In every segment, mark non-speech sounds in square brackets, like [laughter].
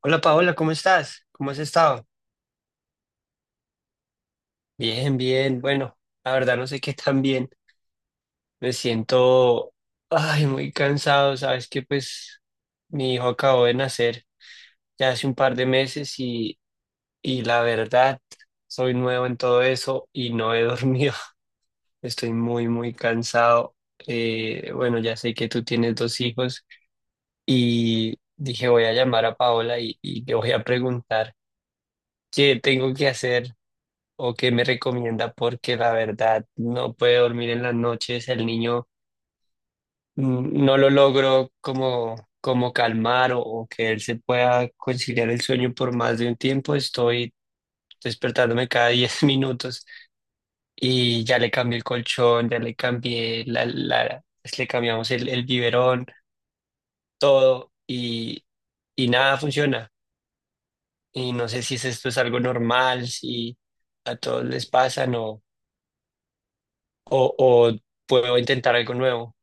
Hola Paola, ¿cómo estás? ¿Cómo has estado? Bien, bien. Bueno, la verdad no sé qué tan bien. Me siento, ay, muy cansado. Sabes que pues mi hijo acabó de nacer ya hace un par de meses y la verdad soy nuevo en todo eso y no he dormido. [laughs] Estoy muy, muy cansado. Bueno, ya sé que tú tienes dos hijos y dije voy a llamar a Paola y le voy a preguntar qué tengo que hacer o qué me recomienda porque la verdad no puede dormir en las noches, el niño no lo logro como calmar o que él se pueda conciliar el sueño por más de un tiempo, estoy despertándome cada [laughs] 10 minutos y ya le cambié el colchón, ya le cambié le cambiamos el biberón, todo y nada funciona. Y no sé si esto es algo normal, si a todos les pasa no o puedo intentar algo nuevo.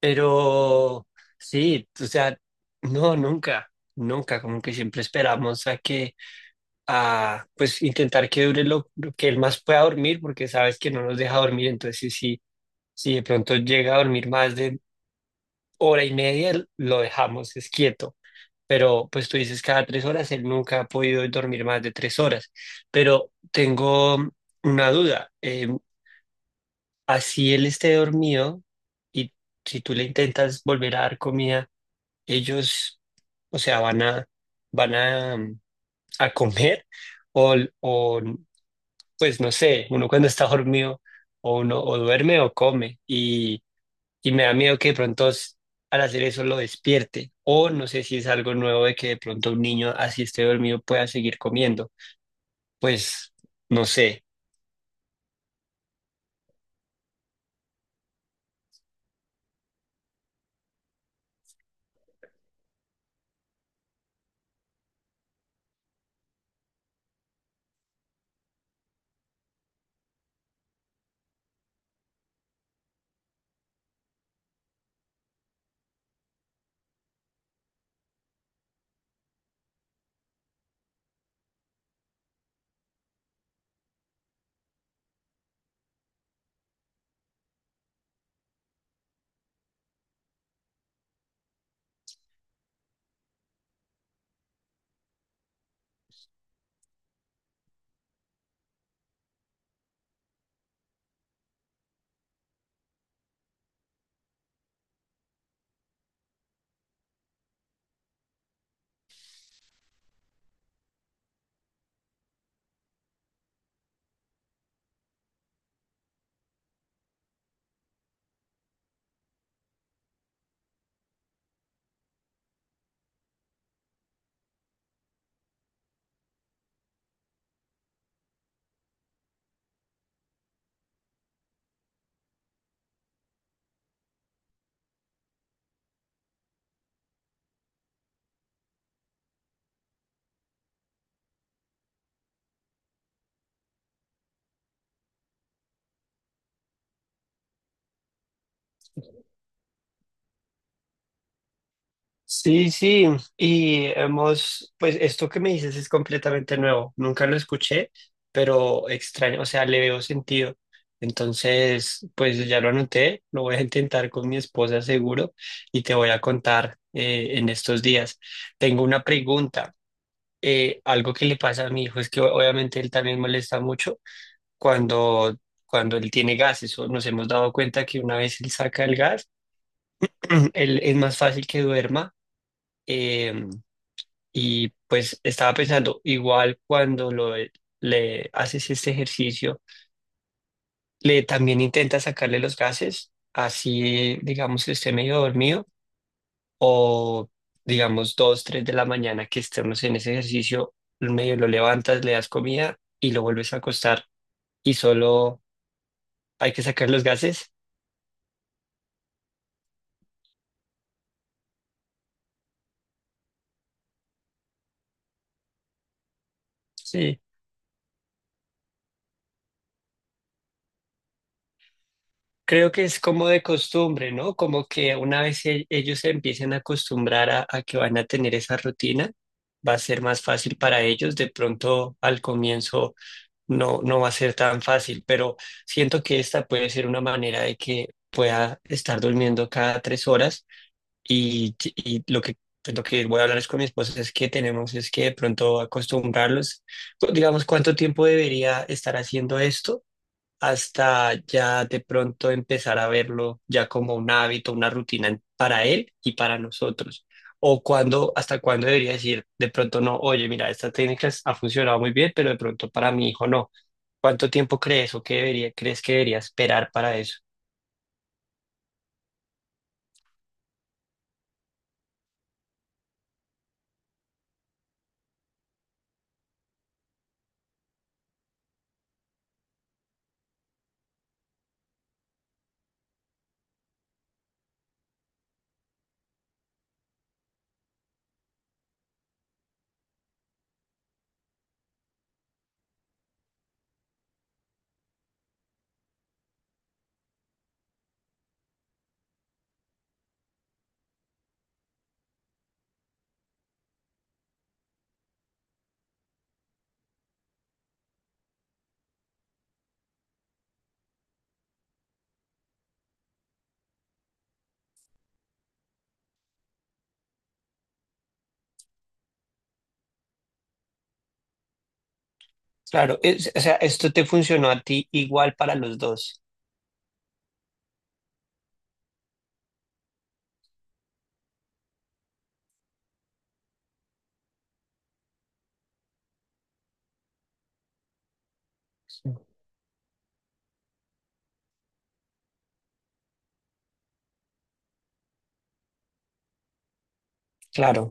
Pero sí, o sea, no, nunca, nunca, como que siempre esperamos a que, a, pues intentar que dure lo que él más pueda dormir, porque sabes que no nos deja dormir, entonces sí, sí, si de pronto llega a dormir más de hora y media, lo dejamos, es quieto, pero pues tú dices cada tres horas, él nunca ha podido dormir más de tres horas, pero tengo una duda, así él esté dormido y si tú le intentas volver a dar comida, ellos, o sea, van a a comer [laughs] o, o, pues no sé, uno cuando está dormido o uno o duerme o come y me da miedo que de pronto al hacer eso lo despierte o no sé si es algo nuevo de que de pronto un niño así esté dormido pueda seguir comiendo, pues no sé. Sí, sí, y hemos, pues esto que me dices es completamente nuevo, nunca lo escuché, pero extraño, o sea, le veo sentido. Entonces, pues ya lo anoté, lo voy a intentar con mi esposa seguro y te voy a contar en estos días. Tengo una pregunta, algo que le pasa a mi hijo es que obviamente él también molesta mucho cuando, cuando él tiene gases, o nos hemos dado cuenta que una vez él saca el gas, [clears throat] él es más fácil que duerma. em, y pues estaba pensando, igual cuando le haces este ejercicio, le también intenta sacarle los gases, así digamos que esté medio dormido o digamos dos, tres de la mañana que estemos en ese ejercicio, medio lo levantas, le das comida y lo vuelves a acostar y solo hay que sacar los gases. Sí. Creo que es como de costumbre, ¿no? Como que una vez ellos se empiecen a acostumbrar a que van a tener esa rutina, va a ser más fácil para ellos. De pronto al comienzo no, no va a ser tan fácil, pero siento que esta puede ser una manera de que pueda estar durmiendo cada tres horas y pues, lo que voy a hablar es con mi esposa es que tenemos es que de pronto acostumbrarlos. Pues, digamos, ¿cuánto tiempo debería estar haciendo esto? Hasta ya de pronto empezar a verlo ya como un hábito, una rutina para él y para nosotros. O cuando, hasta cuándo debería decir, de pronto no, oye, mira, esta técnica ha funcionado muy bien, pero de pronto para mi hijo no. ¿Cuánto tiempo crees o qué debería, crees que debería esperar para eso? Claro, o sea, esto te funcionó a ti igual para los dos. Claro.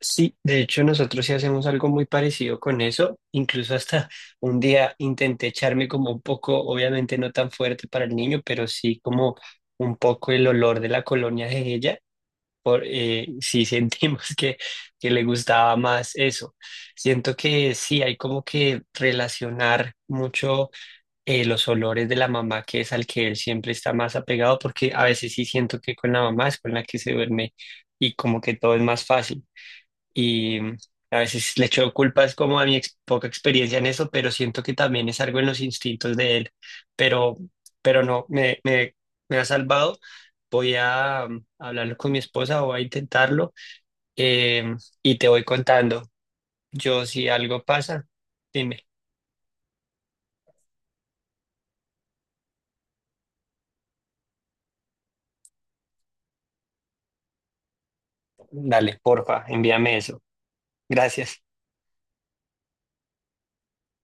Sí, de hecho nosotros sí hacemos algo muy parecido con eso. Incluso hasta un día intenté echarme como un poco, obviamente no tan fuerte para el niño, pero sí como un poco el olor de la colonia de ella. Sí, [laughs] sentimos que le gustaba más eso. Siento que sí, hay como que relacionar mucho los olores de la mamá, que es al que él siempre está más apegado, porque a veces sí siento que con la mamá es con la que se duerme y como que todo es más fácil y a veces le echo culpas como a mi poca experiencia en eso, pero siento que también es algo en los instintos de él, pero, pero no, me ha salvado. Voy a hablarlo con mi esposa, voy a intentarlo eh, y te voy contando. Yo si algo pasa, dime, dale, porfa, envíame eso. Gracias.